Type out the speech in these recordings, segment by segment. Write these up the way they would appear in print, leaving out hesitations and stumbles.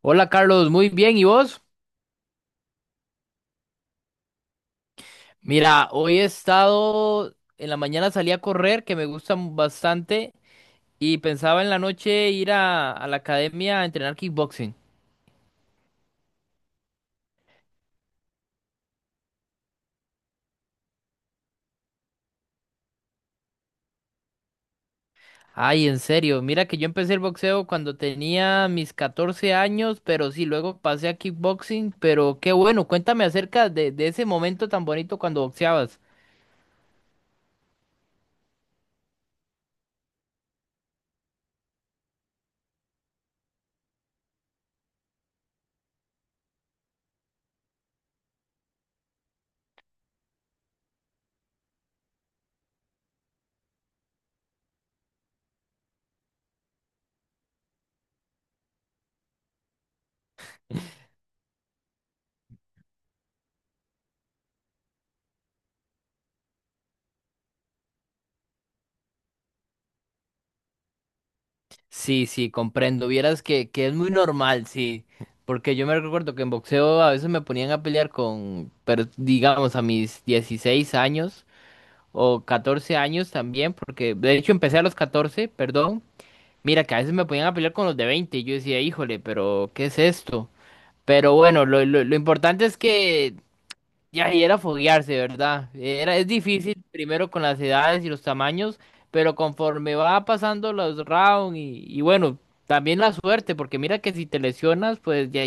Hola Carlos, muy bien, ¿y vos? Mira, hoy he estado, en la mañana salí a correr, que me gusta bastante, y pensaba en la noche ir a la academia a entrenar kickboxing. Ay, en serio, mira que yo empecé el boxeo cuando tenía mis 14 años, pero sí, luego pasé a kickboxing, pero qué bueno, cuéntame acerca de ese momento tan bonito cuando boxeabas. Sí, sí, comprendo. Vieras que es muy normal, sí. Porque yo me recuerdo que en boxeo a veces me ponían a pelear con, pero digamos a mis 16 años o 14 años también, porque de hecho empecé a los catorce, perdón. Mira que a veces me ponían a pelear con los de veinte, y yo decía, híjole, pero ¿qué es esto? Pero bueno, lo importante es que ya, y era foguearse, ¿verdad? Era, es difícil primero con las edades y los tamaños, pero conforme va pasando los rounds y bueno, también la suerte, porque mira que si te lesionas, pues ya,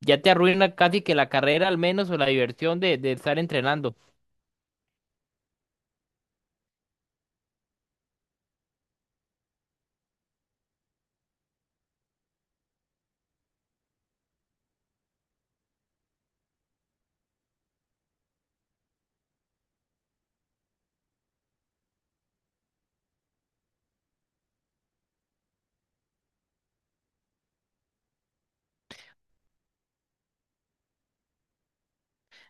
ya te arruina casi que la carrera al menos o la diversión de estar entrenando.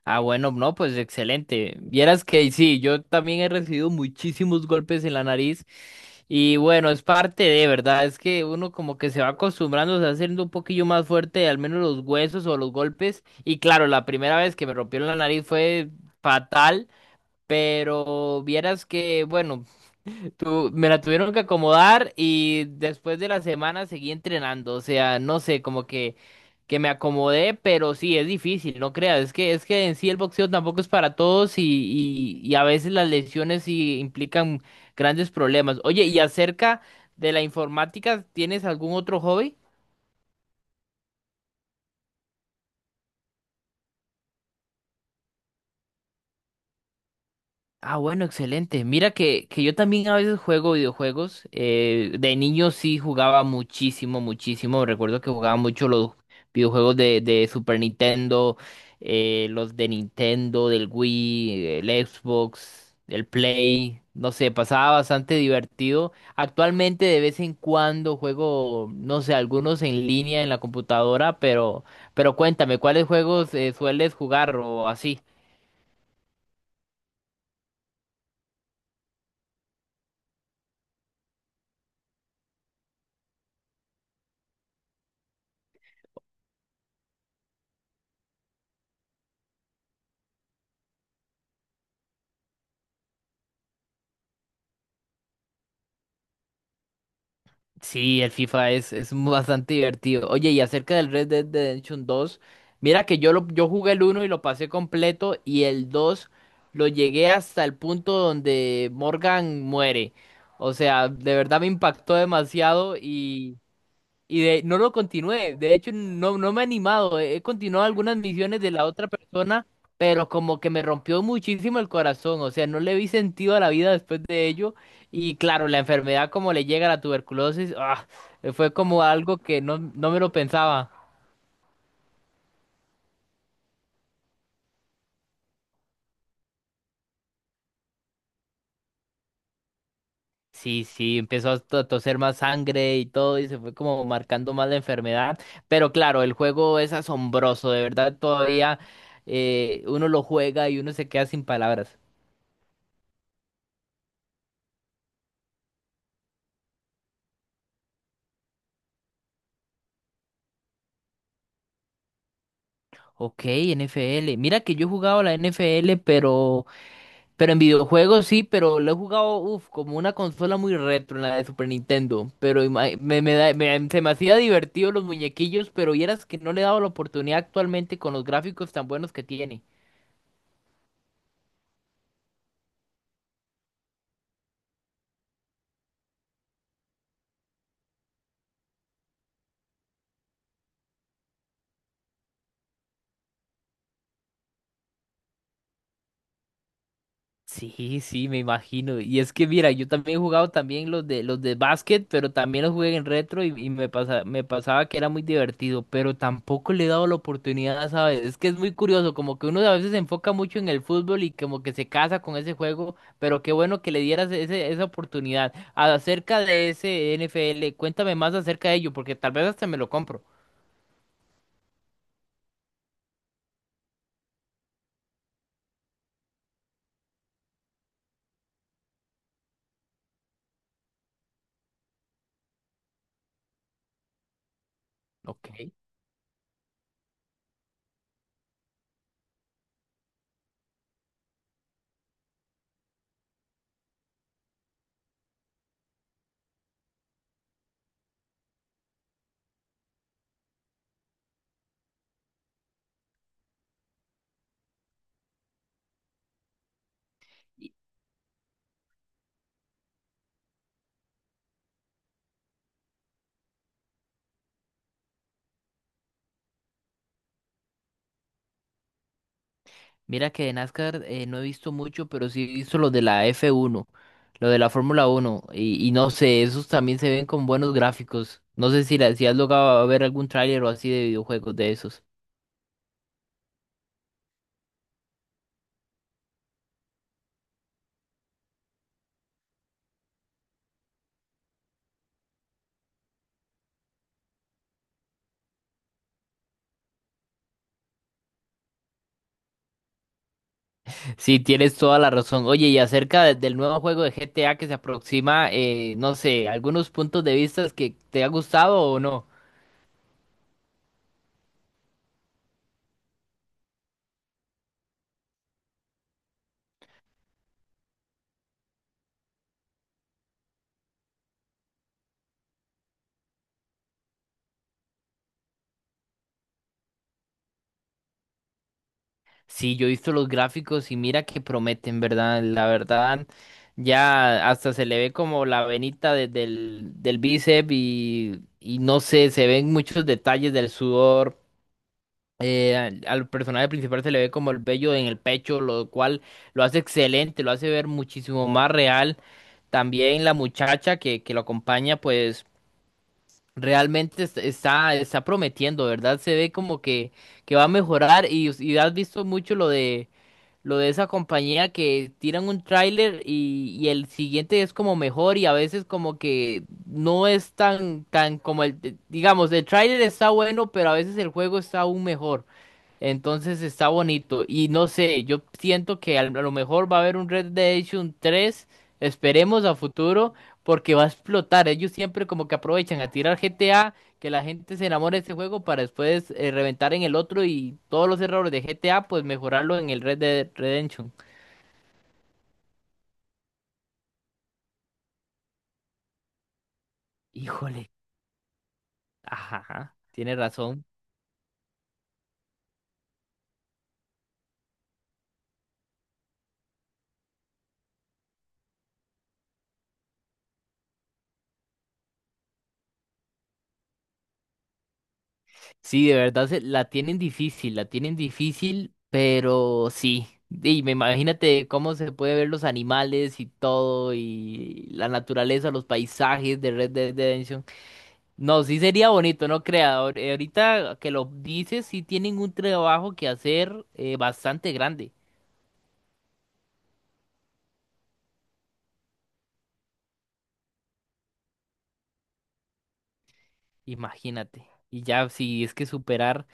Ah, bueno, no, pues excelente. Vieras que sí, yo también he recibido muchísimos golpes en la nariz y bueno, es parte de, ¿verdad? Es que uno como que se va acostumbrando, se va haciendo un poquillo más fuerte, al menos los huesos o los golpes. Y claro, la primera vez que me rompieron la nariz fue fatal, pero vieras que, bueno. Me la tuvieron que acomodar y después de la semana seguí entrenando. O sea, no sé, como que me acomodé, pero sí, es difícil, no creas. Es que en sí el boxeo tampoco es para todos y, y a veces las lesiones sí implican grandes problemas. Oye, y acerca de la informática, ¿tienes algún otro hobby? Ah, bueno, excelente. Mira que yo también a veces juego videojuegos. De niño sí jugaba muchísimo, muchísimo. Recuerdo que jugaba mucho los videojuegos de Super Nintendo, los de Nintendo, del Wii, el Xbox, el Play. No sé, pasaba bastante divertido. Actualmente de vez en cuando juego, no sé, algunos en línea en la computadora, pero cuéntame, ¿cuáles juegos sueles jugar o así? Sí, el FIFA es bastante divertido. Oye, y acerca del Red Dead Redemption 2, mira que yo jugué el uno y lo pasé completo y el 2 lo llegué hasta el punto donde Morgan muere. O sea, de verdad me impactó demasiado y de, no lo continué. De hecho, no, no me he animado. He continuado algunas misiones de la otra persona, pero como que me rompió muchísimo el corazón. O sea, no le vi sentido a la vida después de ello. Y claro, la enfermedad como le llega a la tuberculosis, ah, fue como algo que no, no me lo pensaba. Sí, sí, empezó a toser más sangre y todo, y se fue como marcando más la enfermedad. Pero claro, el juego es asombroso, de verdad, todavía uno lo juega y uno se queda sin palabras. Ok, NFL. Mira que yo he jugado la NFL, pero en videojuegos sí, pero lo he jugado, uf, como una consola muy retro, en la de Super Nintendo. Pero se me hacía divertido los muñequillos, pero vieras que no le he dado la oportunidad actualmente con los gráficos tan buenos que tiene. Sí, sí, me imagino. Y es que mira, yo también he jugado también los de básquet, pero también los jugué en retro y me pasaba que era muy divertido, pero tampoco le he dado la oportunidad, ¿sabes? Es que es muy curioso, como que uno a veces se enfoca mucho en el fútbol y como que se casa con ese juego, pero qué bueno que le dieras esa oportunidad. Acerca de ese NFL, cuéntame más acerca de ello, porque tal vez hasta me lo compro. Ok. Mira que de NASCAR no he visto mucho, pero sí he visto lo de la F1, lo de la Fórmula 1, y no sé, esos también se ven con buenos gráficos. No sé si has logrado a ver algún tráiler o así de videojuegos de esos. Sí, tienes toda la razón. Oye, y acerca del nuevo juego de GTA que se aproxima, no sé, algunos puntos de vista que te ha gustado o no. Sí, yo he visto los gráficos y mira que prometen, ¿verdad? La verdad, ya hasta se le ve como la venita del bíceps y no sé, se ven muchos detalles del sudor. Al personaje principal se le ve como el vello en el pecho, lo cual lo hace excelente, lo hace ver muchísimo más real. También la muchacha que lo acompaña, pues realmente está prometiendo, ¿verdad? Se ve como que va a mejorar y has visto mucho lo de esa compañía que tiran un tráiler y el siguiente es como mejor y a veces como que no es tan como el, digamos, el tráiler está bueno, pero a veces el juego está aún mejor. Entonces está bonito. Y no sé, yo siento que a lo mejor va a haber un Red Dead Redemption tres. Esperemos a futuro, porque va a explotar. Ellos siempre como que aprovechan a tirar GTA, que la gente se enamore de este juego para después reventar en el otro y todos los errores de GTA, pues mejorarlo en el Red Dead Redemption. Híjole, ajá, tiene razón. Sí, de verdad la tienen difícil, pero sí. Y me imagínate cómo se puede ver los animales y todo, y la naturaleza, los paisajes de Red Dead Redemption. No, sí sería bonito, no crea. Ahorita que lo dices, sí tienen un trabajo que hacer bastante grande. Imagínate. Y ya, sí, es que superar.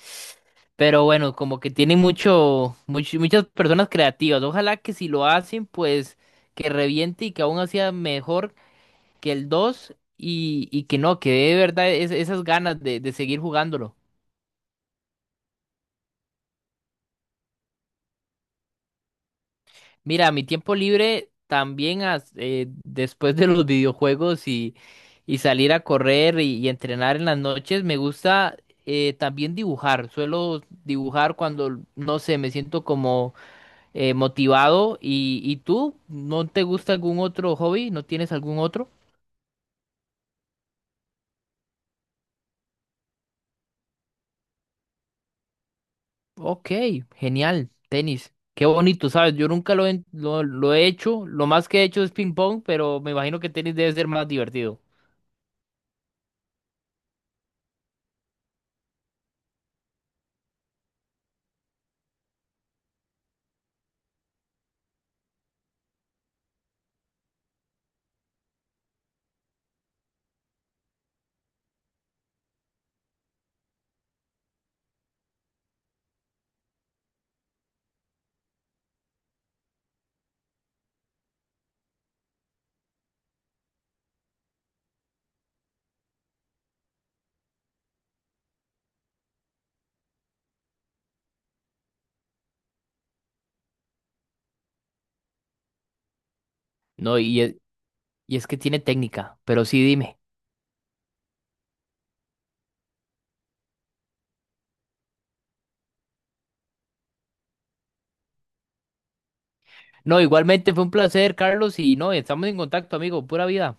Pero bueno, como que tienen muchas personas creativas. Ojalá que si lo hacen, pues que reviente y que aún hacía mejor que el 2 y que no, que dé de verdad esas ganas de seguir jugándolo. Mira, a mi tiempo libre también después de los videojuegos y salir a correr y entrenar en las noches, me gusta también dibujar. Suelo dibujar cuando, no sé, me siento como motivado. Y tú? ¿No te gusta algún otro hobby? ¿No tienes algún otro? Ok, genial, tenis. Qué bonito, ¿sabes? Yo nunca lo he hecho. Lo más que he hecho es ping pong, pero me imagino que tenis debe ser más divertido. No, y es que tiene técnica, pero sí dime. No, igualmente fue un placer, Carlos, y no, estamos en contacto, amigo, pura vida.